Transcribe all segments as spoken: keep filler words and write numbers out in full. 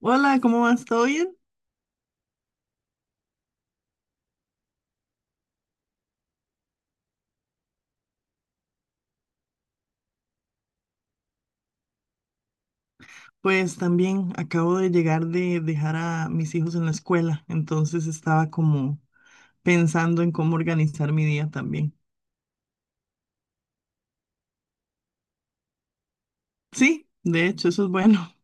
Hola, ¿cómo vas? ¿Todo bien? Pues también acabo de llegar de dejar a mis hijos en la escuela, entonces estaba como pensando en cómo organizar mi día también. Sí, de hecho, eso es bueno.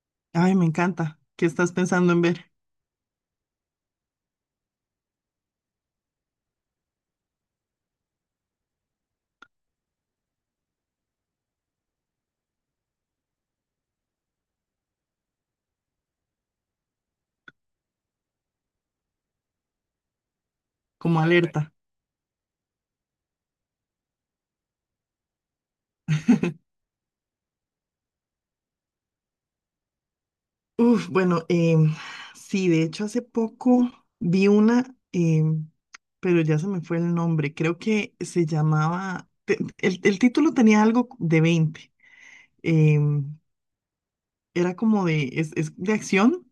Ay, me encanta. ¿Qué estás pensando en ver? Como alerta. Uf, bueno, em, sí, de hecho hace poco vi una, em, pero ya se me fue el nombre. Creo que se llamaba, te- el, el título tenía algo de veinte. em, Era como de, es, es de acción.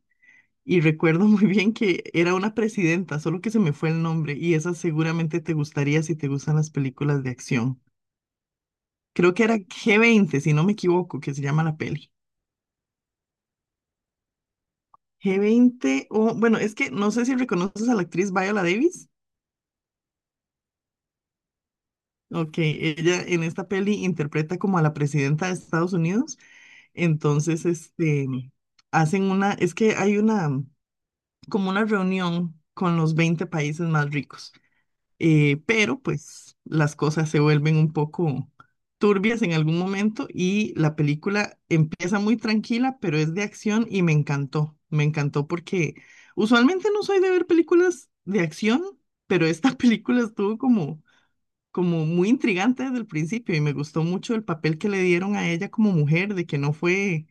Y recuerdo muy bien que era una presidenta, solo que se me fue el nombre, y esa seguramente te gustaría si te gustan las películas de acción. Creo que era g veinte si no me equivoco, que se llama la peli. G veinte o bueno, es que no sé si reconoces a la actriz Viola Davis. Ok, ella en esta peli interpreta como a la presidenta de Estados Unidos. Entonces, este, hacen una, es que hay una, como una reunión con los veinte países más ricos. Eh, pero pues las cosas se vuelven un poco turbias en algún momento y la película empieza muy tranquila, pero es de acción y me encantó. Me encantó porque usualmente no soy de ver películas de acción, pero esta película estuvo como, como, muy intrigante desde el principio y me gustó mucho el papel que le dieron a ella como mujer, de que no fue,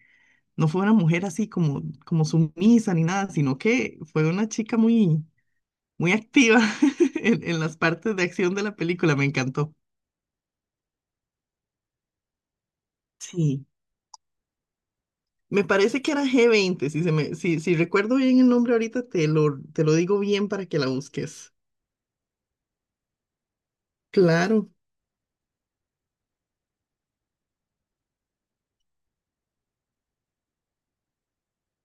no fue una mujer así como, como sumisa ni nada, sino que fue una chica muy muy activa en, en las partes de acción de la película, me encantó. Sí, me parece que era g veinte si, se me, si, si recuerdo bien el nombre ahorita, te lo, te lo digo bien para que la busques. Claro.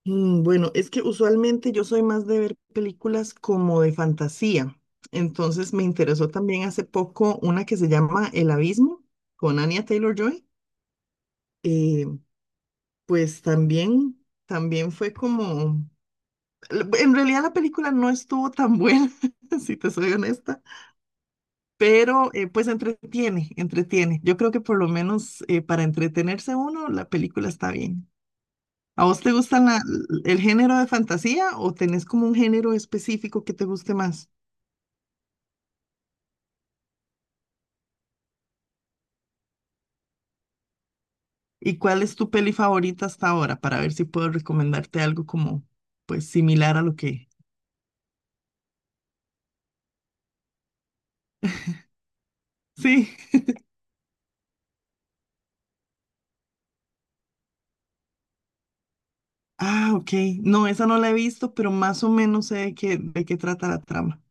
Mm, Bueno, es que usualmente yo soy más de ver películas como de fantasía. Entonces me interesó también hace poco una que se llama El Abismo con Anya Taylor-Joy. Eh, pues también, también fue como L- en realidad la película no estuvo tan buena, si te soy honesta, pero eh, pues entretiene, entretiene. Yo creo que por lo menos eh, para entretenerse uno, la película está bien. ¿A vos te gustan la- el género de fantasía o tenés como un género específico que te guste más? ¿Y cuál es tu peli favorita hasta ahora? Para ver si puedo recomendarte algo como pues similar a lo que... Sí. Ah, ok. No, esa no la he visto, pero más o menos sé de qué, de qué trata la trama.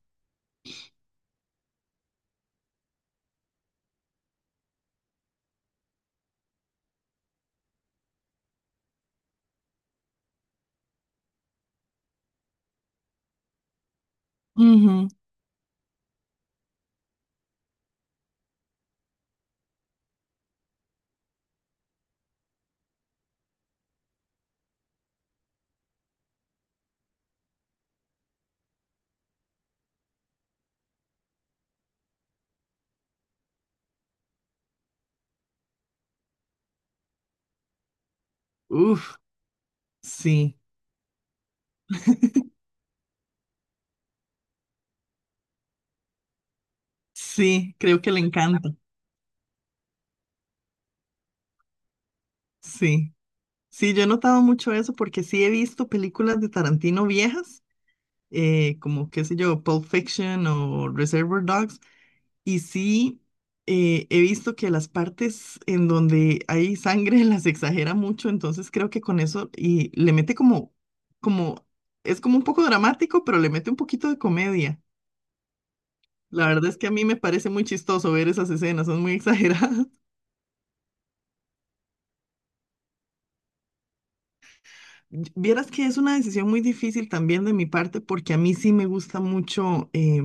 Ujú. Uf, sí. Sí, creo que le encanta. Sí, sí, yo he notado mucho eso porque sí he visto películas de Tarantino viejas, eh, como qué sé yo, Pulp Fiction o Reservoir Dogs, y sí eh, he visto que las partes en donde hay sangre las exagera mucho, entonces creo que con eso y le mete como, como, es como un poco dramático, pero le mete un poquito de comedia. La verdad es que a mí me parece muy chistoso ver esas escenas, son muy exageradas. Vieras que es una decisión muy difícil también de mi parte porque a mí sí me gusta mucho eh,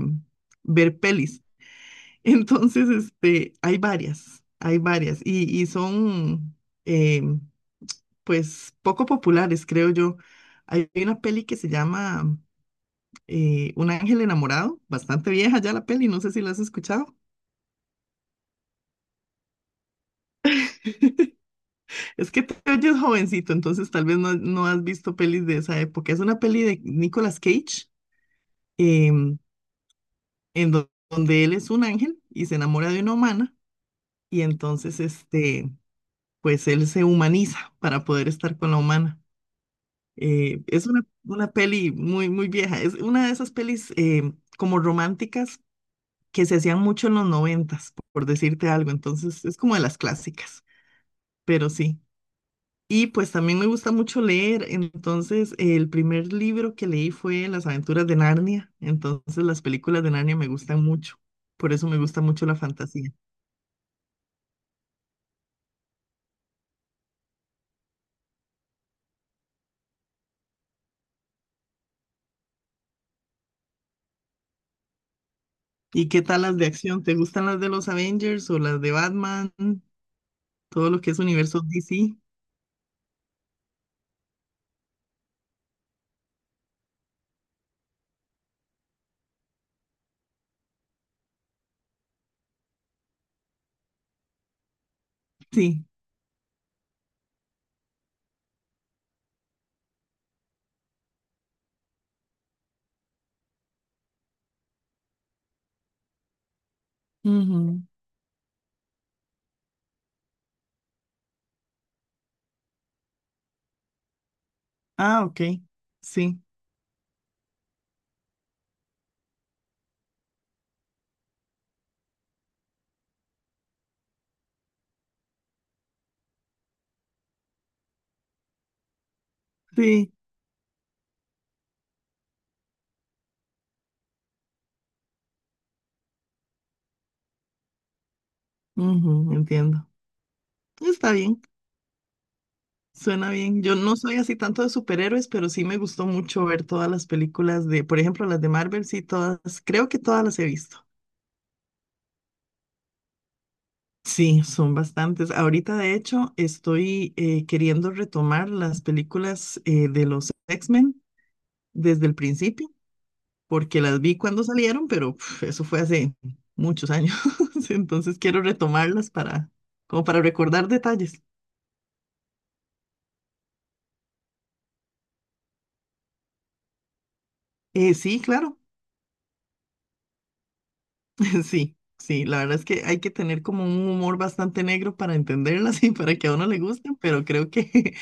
ver pelis. Entonces, este, hay varias, hay varias y, y son eh, pues poco populares, creo yo. Hay una peli que se llama eh, Un ángel enamorado, bastante vieja ya la peli, no sé si la has escuchado. Es que te oyes jovencito, entonces tal vez no, no has visto pelis de esa época. Es una peli de Nicolas Cage. em, en do- donde él es un ángel y se enamora de una humana y entonces este, pues él se humaniza para poder estar con la humana. Eh, es una, una peli muy, muy vieja, es una de esas pelis eh, como románticas que se hacían mucho en los noventas, por por decirte algo, entonces es como de las clásicas, pero sí. Y pues también me gusta mucho leer, entonces el primer libro que leí fue Las aventuras de Narnia, entonces las películas de Narnia me gustan mucho, por eso me gusta mucho la fantasía. ¿Y qué tal las de acción? ¿Te gustan las de los Avengers o las de Batman? Todo lo que es universo D C. Sí. Ujú. Ah, ok. Sí, sí. Ujú, entiendo. Está bien, suena bien. Yo no soy así tanto de superhéroes, pero sí me gustó mucho ver todas las películas de, por ejemplo, las de Marvel, sí, todas, creo que todas las he visto. Sí, son bastantes. Ahorita, de hecho, estoy eh, queriendo retomar las películas eh, de los X-Men desde el principio, porque las vi cuando salieron, pero pf, eso fue hace muchos años. Entonces quiero retomarlas para, como para recordar detalles. Eh, sí, claro, sí, sí. La verdad es que hay que tener como un humor bastante negro para entenderlas y para que a uno le gusten, pero creo que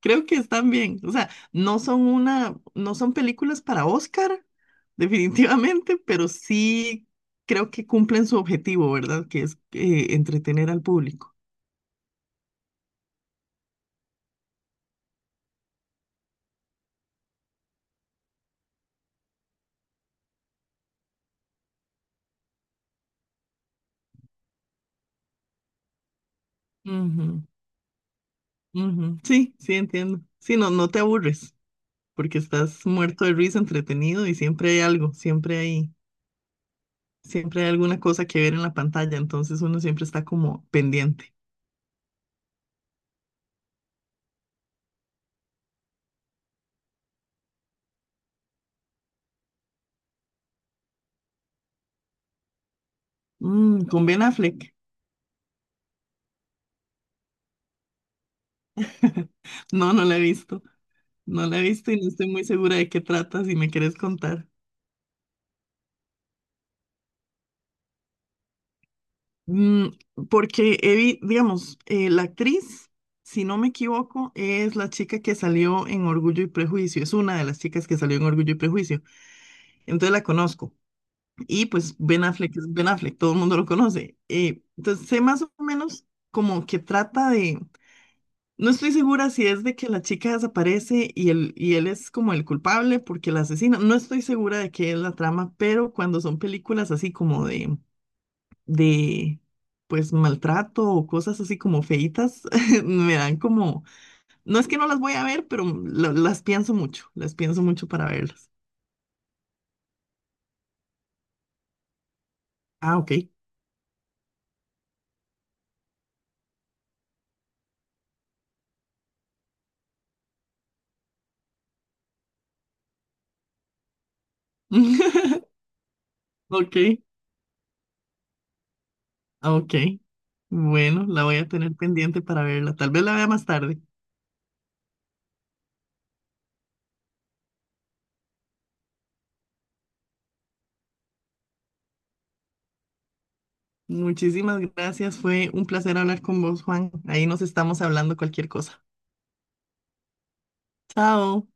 creo que están bien. O sea, no son una, no son películas para Oscar, definitivamente, pero sí creo que cumplen su objetivo, ¿verdad? Que es eh, entretener al público. Ujú, ujú. Sí, sí, entiendo. Sí, no, no te aburres, porque estás muerto de risa, entretenido y siempre hay algo, siempre hay, siempre hay alguna cosa que ver en la pantalla, entonces uno siempre está como pendiente. Mm, con Ben Affleck. No, no la he visto. No la he visto y no estoy muy segura de qué trata, si me quieres contar. Mm, Porque, he vi- digamos, eh, la actriz, si no me equivoco, es la chica que salió en Orgullo y Prejuicio, es una de las chicas que salió en Orgullo y Prejuicio, entonces la conozco. Y pues Ben Affleck es Ben Affleck, todo el mundo lo conoce. Eh, entonces sé más o menos como que trata de... No estoy segura si es de que la chica desaparece y él, y él es como el culpable porque la asesina. No estoy segura de qué es la trama, pero cuando son películas así como de de, pues, maltrato o cosas así como feitas, me dan como, no es que no las voy a ver, pero lo- las pienso mucho, las pienso mucho para verlas. Ah, ok. Ok, ok. Bueno, la voy a tener pendiente para verla. Tal vez la vea más tarde. Muchísimas gracias. Fue un placer hablar con vos, Juan. Ahí nos estamos hablando cualquier cosa. Chao.